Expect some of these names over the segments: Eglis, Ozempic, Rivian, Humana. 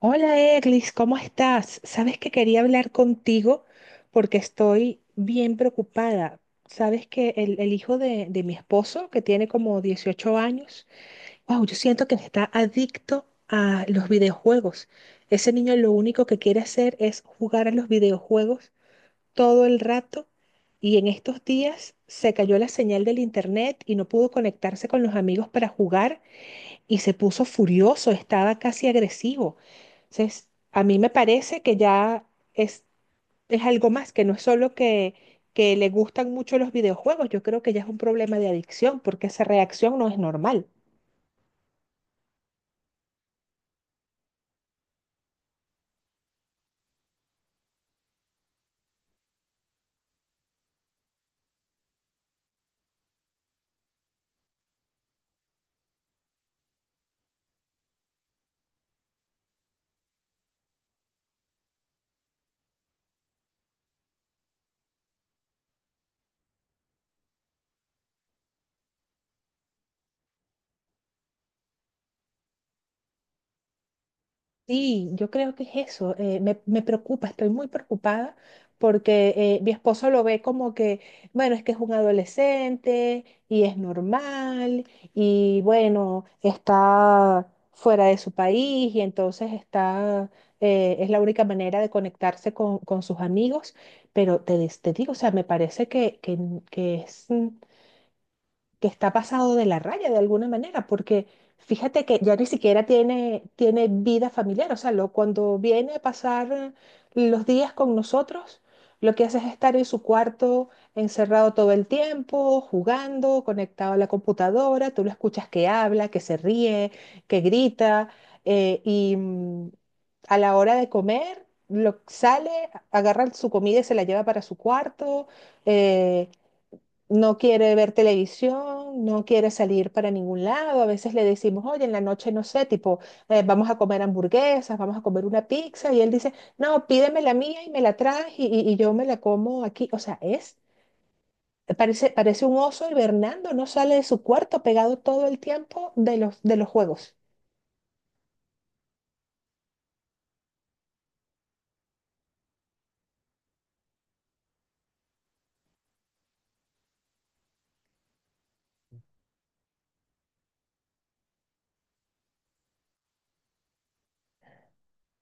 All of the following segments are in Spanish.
Hola Eglis, ¿cómo estás? Sabes que quería hablar contigo porque estoy bien preocupada. Sabes que el hijo de mi esposo, que tiene como 18 años, wow, yo siento que está adicto a los videojuegos. Ese niño lo único que quiere hacer es jugar a los videojuegos todo el rato, y en estos días se cayó la señal del internet y no pudo conectarse con los amigos para jugar, y se puso furioso, estaba casi agresivo. Entonces, a mí me parece que ya es, es algo más, que no es solo que le gustan mucho los videojuegos. Yo creo que ya es un problema de adicción, porque esa reacción no es normal. Sí, yo creo que es eso. Me preocupa, estoy muy preocupada porque mi esposo lo ve como que, bueno, es que es un adolescente y es normal, y bueno, está fuera de su país y entonces es la única manera de conectarse con sus amigos. Pero te digo, o sea, me parece que que está pasado de la raya de alguna manera, porque fíjate que ya ni siquiera tiene vida familiar. O sea, cuando viene a pasar los días con nosotros, lo que hace es estar en su cuarto encerrado todo el tiempo, jugando, conectado a la computadora. Tú lo escuchas que habla, que se ríe, que grita, eh, y mm, a la hora de comer, sale, agarra su comida y se la lleva para su cuarto. eh, no quiere ver televisión, no quiere salir para ningún lado. A veces le decimos, oye, en la noche no sé, tipo, vamos a comer hamburguesas, vamos a comer una pizza. Y él dice, no, pídeme la mía y me la traes, y yo me la como aquí. O sea, es, parece, parece un oso y Bernardo, no sale de su cuarto, pegado todo el tiempo de de los juegos.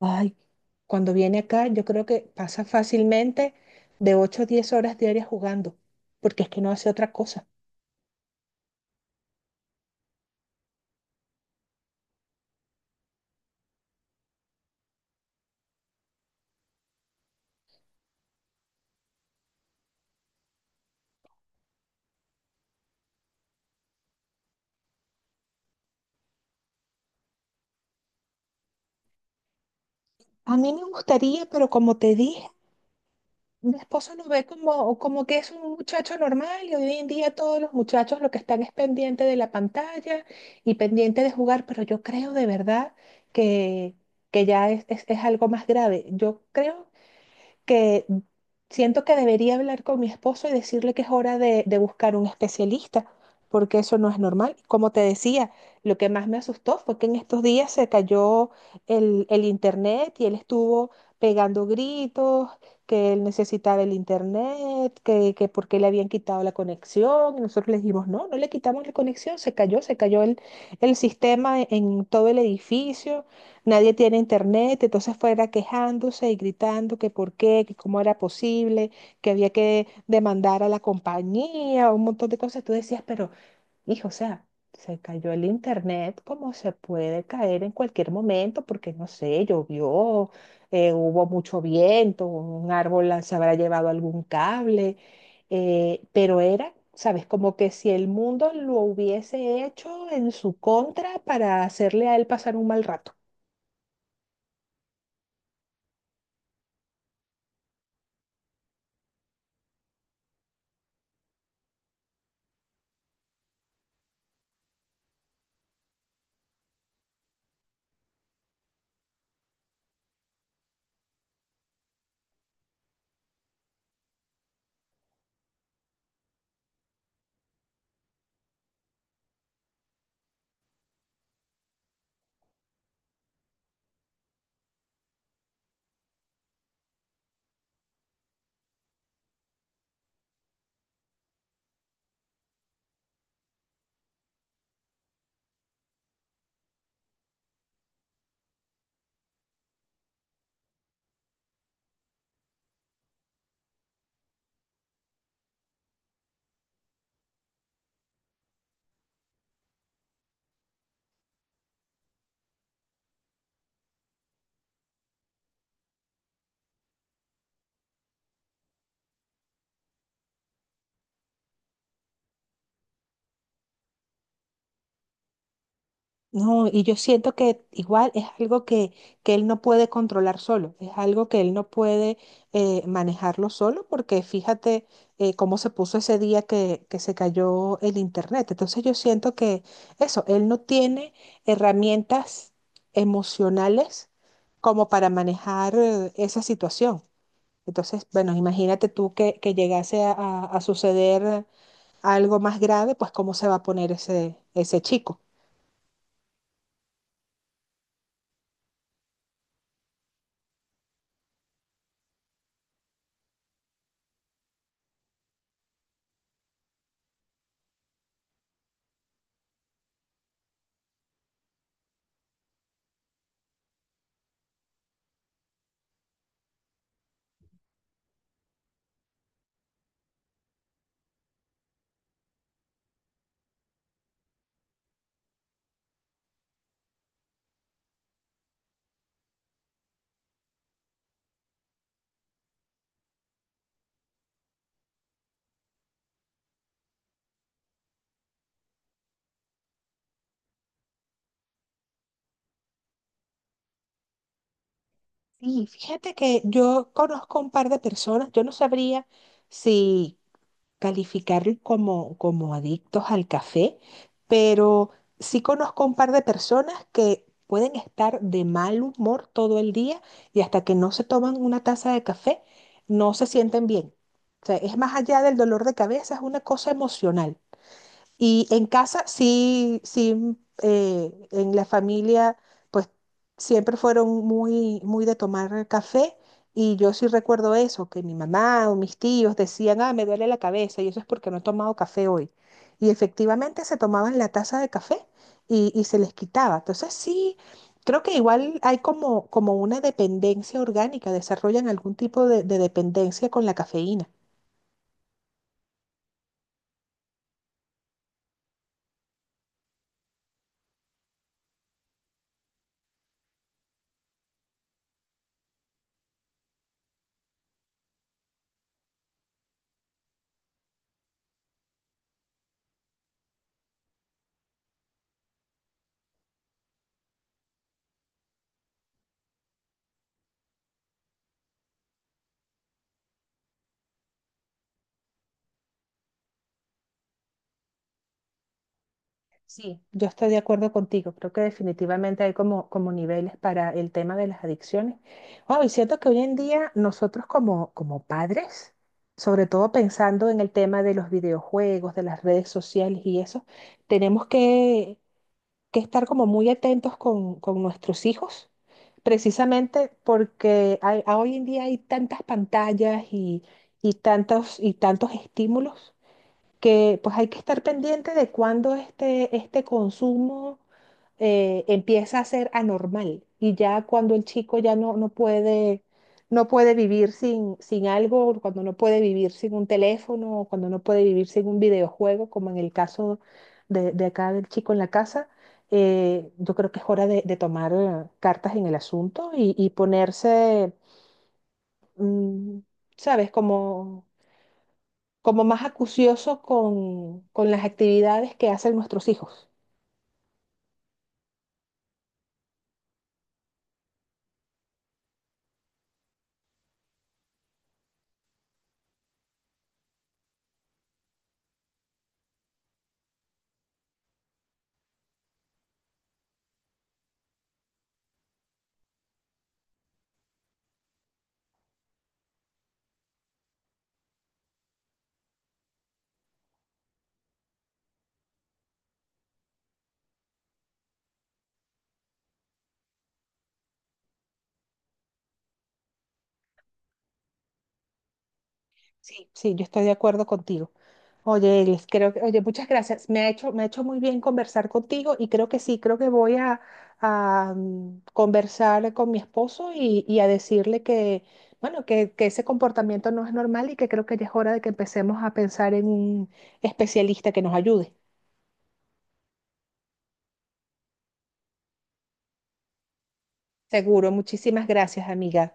Ay, cuando viene acá, yo creo que pasa fácilmente de 8 a 10 horas diarias jugando, porque es que no hace otra cosa. A mí me gustaría, pero como te dije, mi esposo lo ve como, como que es un muchacho normal y hoy en día todos los muchachos lo que están es pendiente de la pantalla y pendiente de jugar. Pero yo creo de verdad que, que ya es algo más grave. Yo creo que siento que debería hablar con mi esposo y decirle que es hora de buscar un especialista, porque eso no es normal. Como te decía, lo que más me asustó fue que en estos días se cayó el internet, y él estuvo pegando gritos, que él necesitaba el internet, que porque le habían quitado la conexión. Y nosotros le dijimos, no, no le quitamos la conexión, se cayó el sistema en todo el edificio. Nadie tiene internet, entonces fuera quejándose y gritando que por qué, que cómo era posible, que había que demandar a la compañía, un montón de cosas. Tú decías, pero hijo, o sea, se cayó el internet como se puede caer en cualquier momento, porque no sé, llovió, hubo mucho viento, un árbol se habrá llevado algún cable, pero era... ¿Sabes? Como que si el mundo lo hubiese hecho en su contra para hacerle a él pasar un mal rato. No, y yo siento que igual es algo que él no puede controlar solo, es algo que él no puede manejarlo solo, porque fíjate cómo se puso ese día que se cayó el internet. Entonces yo siento que eso, él no tiene herramientas emocionales como para manejar esa situación. Entonces, bueno, imagínate tú que llegase a suceder algo más grave, pues cómo se va a poner ese, ese chico. Sí, fíjate que yo conozco un par de personas, yo no sabría si calificarlos como, como adictos al café, pero sí conozco un par de personas que pueden estar de mal humor todo el día, y hasta que no se toman una taza de café no se sienten bien. O sea, es más allá del dolor de cabeza, es una cosa emocional. Y en casa sí, sí, en la familia, pues siempre fueron muy, muy de tomar café. Y yo sí recuerdo eso, que mi mamá o mis tíos decían, ah, me duele la cabeza y eso es porque no he tomado café hoy. Y efectivamente se tomaban la taza de café y se les quitaba. Entonces sí, creo que igual hay como, como una dependencia orgánica, desarrollan algún tipo de dependencia con la cafeína. Sí, yo estoy de acuerdo contigo. Creo que definitivamente hay como, como niveles para el tema de las adicciones. Wow, y siento que hoy en día nosotros como, como padres, sobre todo pensando en el tema de los videojuegos, de las redes sociales y eso, tenemos que estar como muy atentos con nuestros hijos, precisamente porque hoy en día hay tantas pantallas y tantos estímulos que pues hay que estar pendiente de cuándo este, este consumo empieza a ser anormal, y ya cuando el chico ya no puede, no puede vivir sin, sin algo, cuando no puede vivir sin un teléfono, o cuando no puede vivir sin un videojuego, como en el caso de acá del chico en la casa, yo creo que es hora de tomar cartas en el asunto, y ponerse, mm, ¿sabes? Como como más acucioso con las actividades que hacen nuestros hijos. Sí. Sí, yo estoy de acuerdo contigo. Oye, Elis, creo que, oye, muchas gracias. Me ha hecho muy bien conversar contigo, y creo que sí, creo que voy a, conversar con mi esposo y a decirle que, bueno, que ese comportamiento no es normal, y que creo que ya es hora de que empecemos a pensar en un especialista que nos ayude. Seguro, muchísimas gracias, amiga.